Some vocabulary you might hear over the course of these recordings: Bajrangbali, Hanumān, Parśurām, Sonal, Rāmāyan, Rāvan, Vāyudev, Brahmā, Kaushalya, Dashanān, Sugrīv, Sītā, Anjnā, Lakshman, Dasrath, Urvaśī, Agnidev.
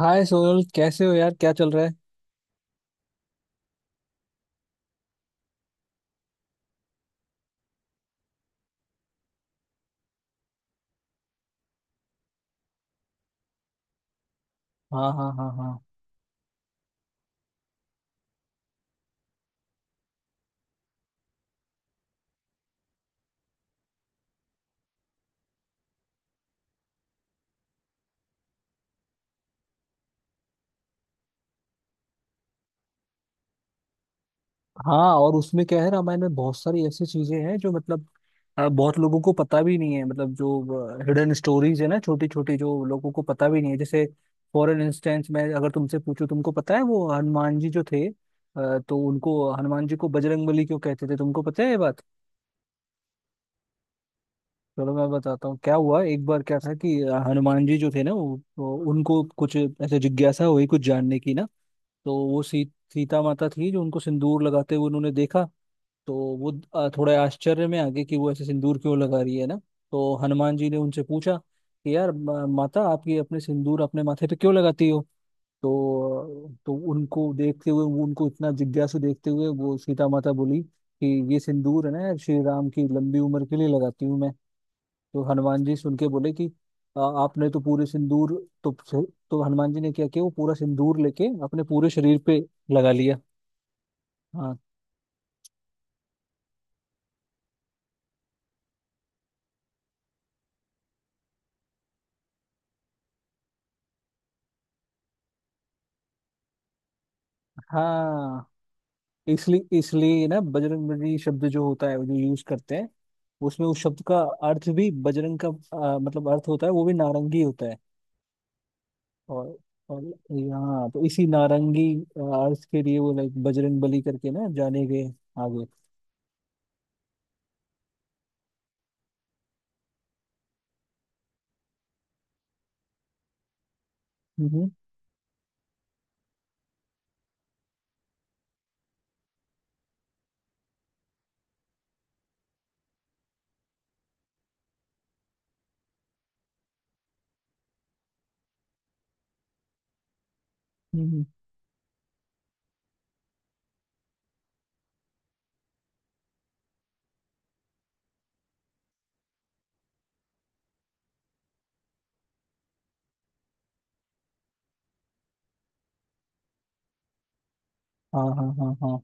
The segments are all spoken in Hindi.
हाय सोनल, कैसे हो यार? क्या चल रहा है? हाँ, हाँ, हाँ, हाँ। हाँ, और उसमें क्या है, रामायण में बहुत सारी ऐसी चीजें हैं जो मतलब बहुत लोगों को पता भी नहीं है, मतलब जो हिडन स्टोरीज है ना, छोटी छोटी, जो लोगों को पता भी नहीं है। जैसे फॉर एन इंस्टेंस, मैं अगर तुमसे पूछूं, तुमको पता है वो हनुमान जी जो थे तो उनको, हनुमान जी को बजरंगबली क्यों कहते थे, तुमको पता है ये बात? चलो मैं बताता हूँ क्या हुआ। एक बार क्या था कि हनुमान जी जो थे ना उनको कुछ ऐसे जिज्ञासा हुई कुछ जानने की ना। तो वो सीता माता थी जो उनको सिंदूर लगाते हुए उन्होंने देखा। तो वो थोड़े आश्चर्य में आ गए कि वो ऐसे सिंदूर क्यों लगा रही है ना। तो हनुमान जी ने उनसे पूछा कि यार, माता, आप ये अपने सिंदूर अपने माथे पे क्यों लगाती हो? तो उनको देखते हुए, वो उनको इतना जिज्ञासु देखते हुए वो सीता माता बोली कि ये सिंदूर है ना यार, श्री राम की लंबी उम्र के लिए लगाती हूँ मैं। तो हनुमान जी सुन के बोले कि आपने तो पूरे सिंदूर।" तो तो हनुमान जी ने क्या किया, वो पूरा सिंदूर लेके अपने पूरे शरीर पे लगा लिया। हाँ, हाँ। इसलिए इसलिए ना, बजरंगबली शब्द जो होता है, जो यूज करते हैं, उसमें उस शब्द का अर्थ भी, बजरंग का मतलब अर्थ होता है वो भी नारंगी होता है। और और यहाँ तो इसी नारंगी अर्थ के लिए वो लाइक बजरंग बली करके ना जाने गए आगे। हम्म, हम्म, हम्म, हाँ, हाँ, हाँ, हाँ।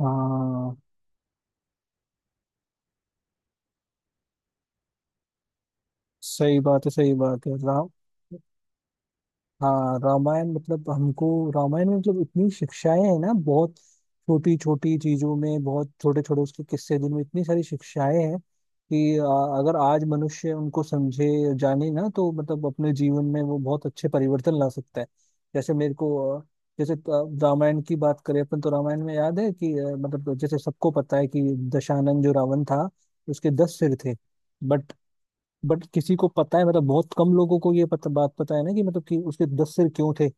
हाँ, सही बात है, सही बात है। राम, हाँ, रामायण मतलब हमको, रामायण में मतलब इतनी शिक्षाएं हैं ना, बहुत छोटी छोटी चीजों में बहुत छोटे छोटे उसके किस्से, जिनमें इतनी सारी शिक्षाएं हैं कि अगर आज मनुष्य उनको समझे जाने ना, तो मतलब अपने जीवन में वो बहुत अच्छे परिवर्तन ला सकता है। जैसे मेरे को जैसे रामायण की बात करें अपन, तो रामायण में याद है कि मतलब जैसे सबको पता है कि दशानन जो रावण था, उसके दस सिर थे। बट बट किसी को पता है मतलब, बहुत कम लोगों को ये पता बात पता है ना कि मतलब कि उसके दस सिर क्यों थे?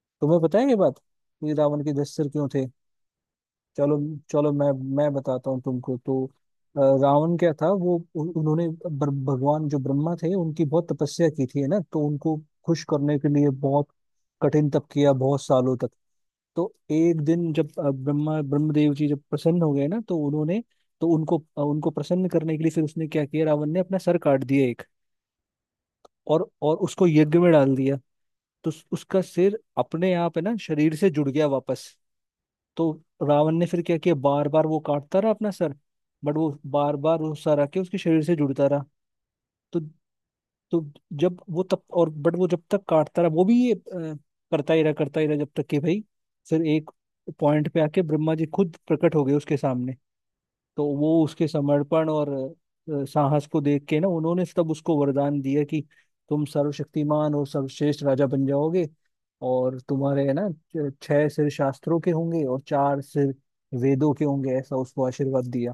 तुम्हें पता है ये बात कि रावण के दस सिर क्यों थे? चलो, चलो मैं बताता हूँ तुमको तो। रावण क्या था, वो उन्होंने भगवान जो ब्रह्मा थे उनकी बहुत तपस्या की थी है ना, तो उनको खुश करने के लिए बहुत कठिन तप किया बहुत सालों तक। तो एक दिन जब ब्रह्मा ब्रह्मदेव जी जब प्रसन्न हो गए ना, तो उन्होंने, तो उनको प्रसन्न करने के लिए फिर उसने क्या किया, रावण ने अपना सर काट दिया एक। और उसको यज्ञ में डाल दिया। तो उसका सिर अपने आप है ना, शरीर से जुड़ गया वापस। तो रावण ने फिर क्या किया, बार बार वो काटता रहा अपना सर, बट वो बार बार वो सर आके उसके शरीर से जुड़ता रहा। तो तो जब वो तब और, बट वो जब तक काटता रहा, वो भी ये करता ही रहा, करता ही रहा, जब तक कि भाई फिर एक पॉइंट पे आके ब्रह्मा जी खुद प्रकट हो गए उसके सामने। तो वो उसके समर्पण और साहस को देख के ना उन्होंने तब उसको वरदान दिया कि तुम सर्वशक्तिमान और सर्वश्रेष्ठ राजा बन जाओगे, और तुम्हारे है ना छह सिर शास्त्रों के होंगे और चार सिर वेदों के होंगे, ऐसा उसको आशीर्वाद दिया।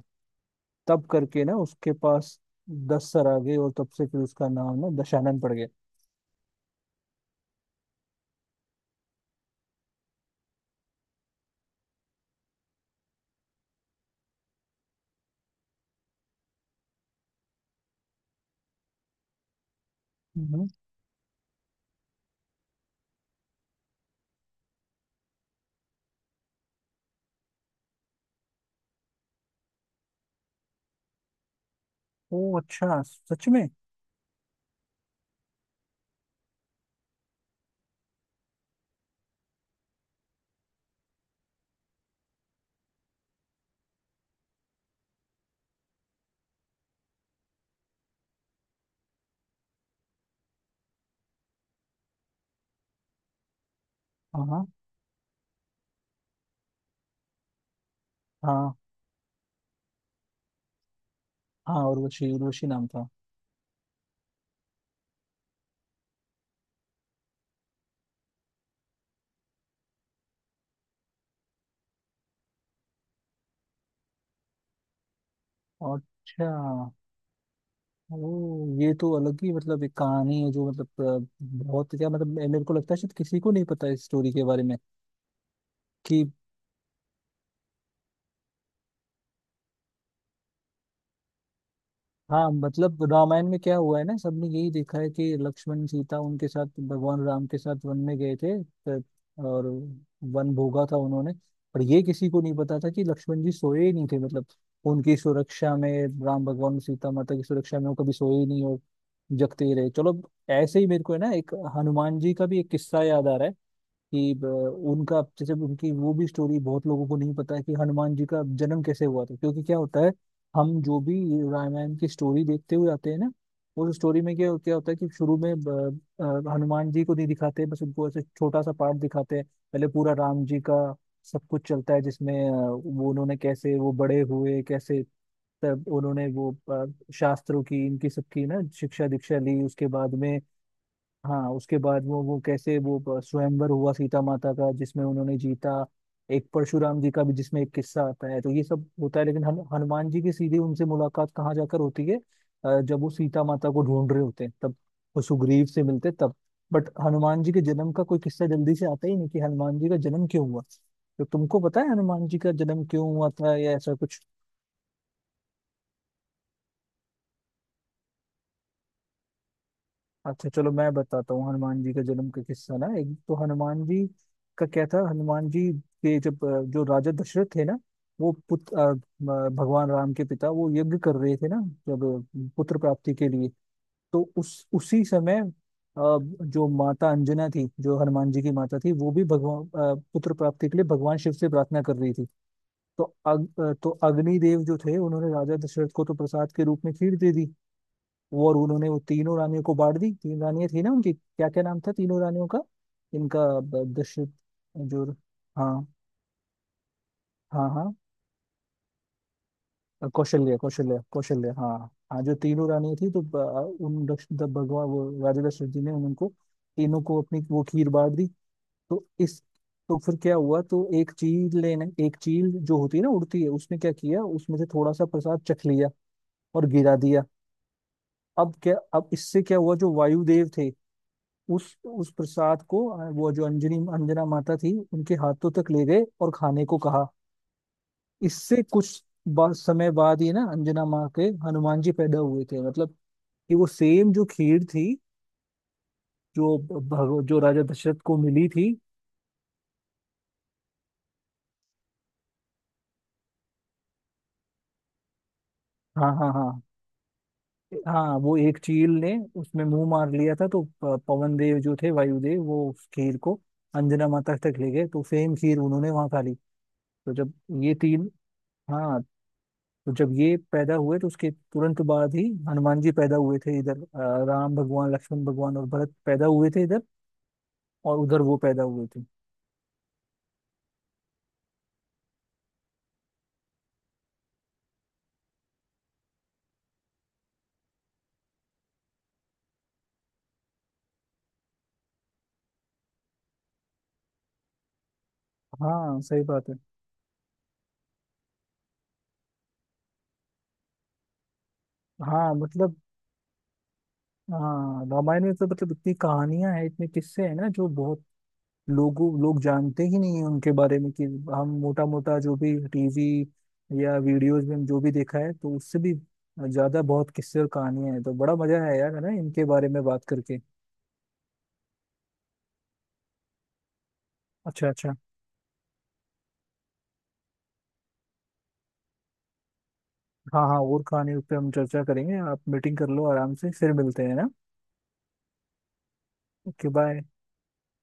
तब करके ना उसके पास दस सर आ गए और तब से फिर उसका नाम ना दशानन पड़ गया। हम्म। ओ, अच्छा, सच में? हाँ, हाँ, हाँ, हाँ, उर्वशी, उर्वशी नाम था। अच्छा। ओ, ये तो अलग ही मतलब एक कहानी है जो, मतलब बहुत, क्या मतलब, मेरे को लगता है शायद किसी को नहीं पता इस स्टोरी के बारे में कि, हाँ, मतलब रामायण में क्या हुआ है ना, सबने यही देखा है कि लक्ष्मण, सीता, उनके साथ भगवान राम के साथ वन में गए थे, और वन भोगा था उन्होंने। पर ये किसी को नहीं पता था कि लक्ष्मण जी सोए ही नहीं थे, मतलब उनकी सुरक्षा में, राम भगवान और सीता माता की सुरक्षा में वो कभी सोए ही नहीं और जगते ही रहे। चलो, ऐसे ही मेरे को है ना एक हनुमान जी का भी एक किस्सा याद आ रहा है कि, उनका जैसे उनकी, वो भी स्टोरी बहुत लोगों को नहीं पता है कि हनुमान जी का जन्म कैसे हुआ था। क्योंकि क्या होता है, हम जो भी रामायण की स्टोरी देखते हुए आते हैं ना, उस स्टोरी में क्या क्या होता है कि शुरू में हनुमान जी को नहीं दिखाते, बस उनको ऐसे छोटा सा पार्ट दिखाते हैं। पहले पूरा राम जी का सब कुछ चलता है, जिसमें वो उन्होंने कैसे वो बड़े हुए, कैसे तब उन्होंने वो शास्त्रों की इनकी सबकी ना शिक्षा दीक्षा ली, उसके बाद में। हाँ, उसके बाद वो कैसे वो स्वयंवर हुआ सीता माता का, जिसमें उन्होंने जीता, एक परशुराम जी का भी जिसमें एक किस्सा आता है, तो ये सब होता है। लेकिन हनुमान जी की सीधी उनसे मुलाकात कहाँ जाकर होती है, जब वो सीता माता को ढूंढ रहे होते हैं तब, वो सुग्रीव से मिलते हैं तब। बट हनुमान जी के जन्म का कोई किस्सा जल्दी से आता ही नहीं कि हनुमान जी का जन्म क्यों हुआ। तो तुमको पता है हनुमान जी का जन्म क्यों हुआ था या ऐसा कुछ? अच्छा, चलो मैं बताता हूँ हनुमान जी का जन्म का किस्सा ना। एक तो हनुमान जी का क्या था, हनुमान जी के जब जो राजा दशरथ थे ना, वो पुत्र, भगवान राम के पिता, वो यज्ञ कर रहे थे ना जब, पुत्र प्राप्ति के लिए। तो उस उसी समय जो माता अंजना थी, जो हनुमान जी की माता थी, वो भी भगवान, पुत्र प्राप्ति के लिए भगवान शिव से प्रार्थना कर रही थी। तो अग्निदेव जो थे उन्होंने राजा दशरथ को तो प्रसाद के रूप में खीर दे दी। और उन्होंने वो तीनों रानियों को बांट दी। तीन रानियां थी ना उनकी, क्या क्या नाम था तीनों रानियों का? इनका दशरथ जो, हाँ, हाँ, हाँ, कौशल्य, कौशल्य, कौशल्य, हाँ। हाँ, जो तीनों रानियां थी, तो उन भगवान, वो राजा दशरथ जी ने उनको तीनों को अपनी वो खीर बांट दी। तो इस, तो फिर क्या हुआ, तो एक चील, लेने एक चील जो होती है ना उड़ती है, उसने क्या किया, उसमें से थोड़ा सा प्रसाद चख लिया और गिरा दिया। अब क्या, अब इससे क्या हुआ, जो वायुदेव थे, उस प्रसाद को वो जो अंजनी, अंजना माता थी, उनके हाथों तक ले गए और खाने को कहा। इससे कुछ समय बाद ही ना अंजना माँ के हनुमान जी पैदा हुए थे। मतलब कि वो सेम जो खीर थी, जो राजा दशरथ को मिली थी। हाँ, हाँ, हाँ, हाँ, वो एक चील ने उसमें मुंह मार लिया था, तो पवन देव जो थे, वायुदेव, वो उस खीर को अंजना माता तक ले गए, तो सेम खीर उन्होंने वहां खा ली। तो जब ये तीन, हाँ, तो जब ये पैदा हुए, तो उसके तुरंत बाद ही हनुमान जी पैदा हुए थे। इधर राम भगवान, लक्ष्मण भगवान और भरत पैदा हुए थे इधर, और उधर वो पैदा हुए थे। हाँ, सही बात है। हाँ, मतलब, हाँ, रामायण में तो मतलब इतनी कहानियां हैं, इतने किस्से हैं ना, जो बहुत लोगों, लोग जानते ही नहीं है उनके बारे में कि हम मोटा मोटा जो भी टीवी या वीडियोज में हम जो भी देखा है, तो उससे भी ज्यादा बहुत किस्से और कहानियां हैं। तो बड़ा मजा है यार है ना, इनके बारे में बात करके। अच्छा, अच्छा। हाँ, हाँ, और कहानी पे हम चर्चा करेंगे, आप मीटिंग कर लो आराम से, फिर मिलते हैं ना। Okay, bye.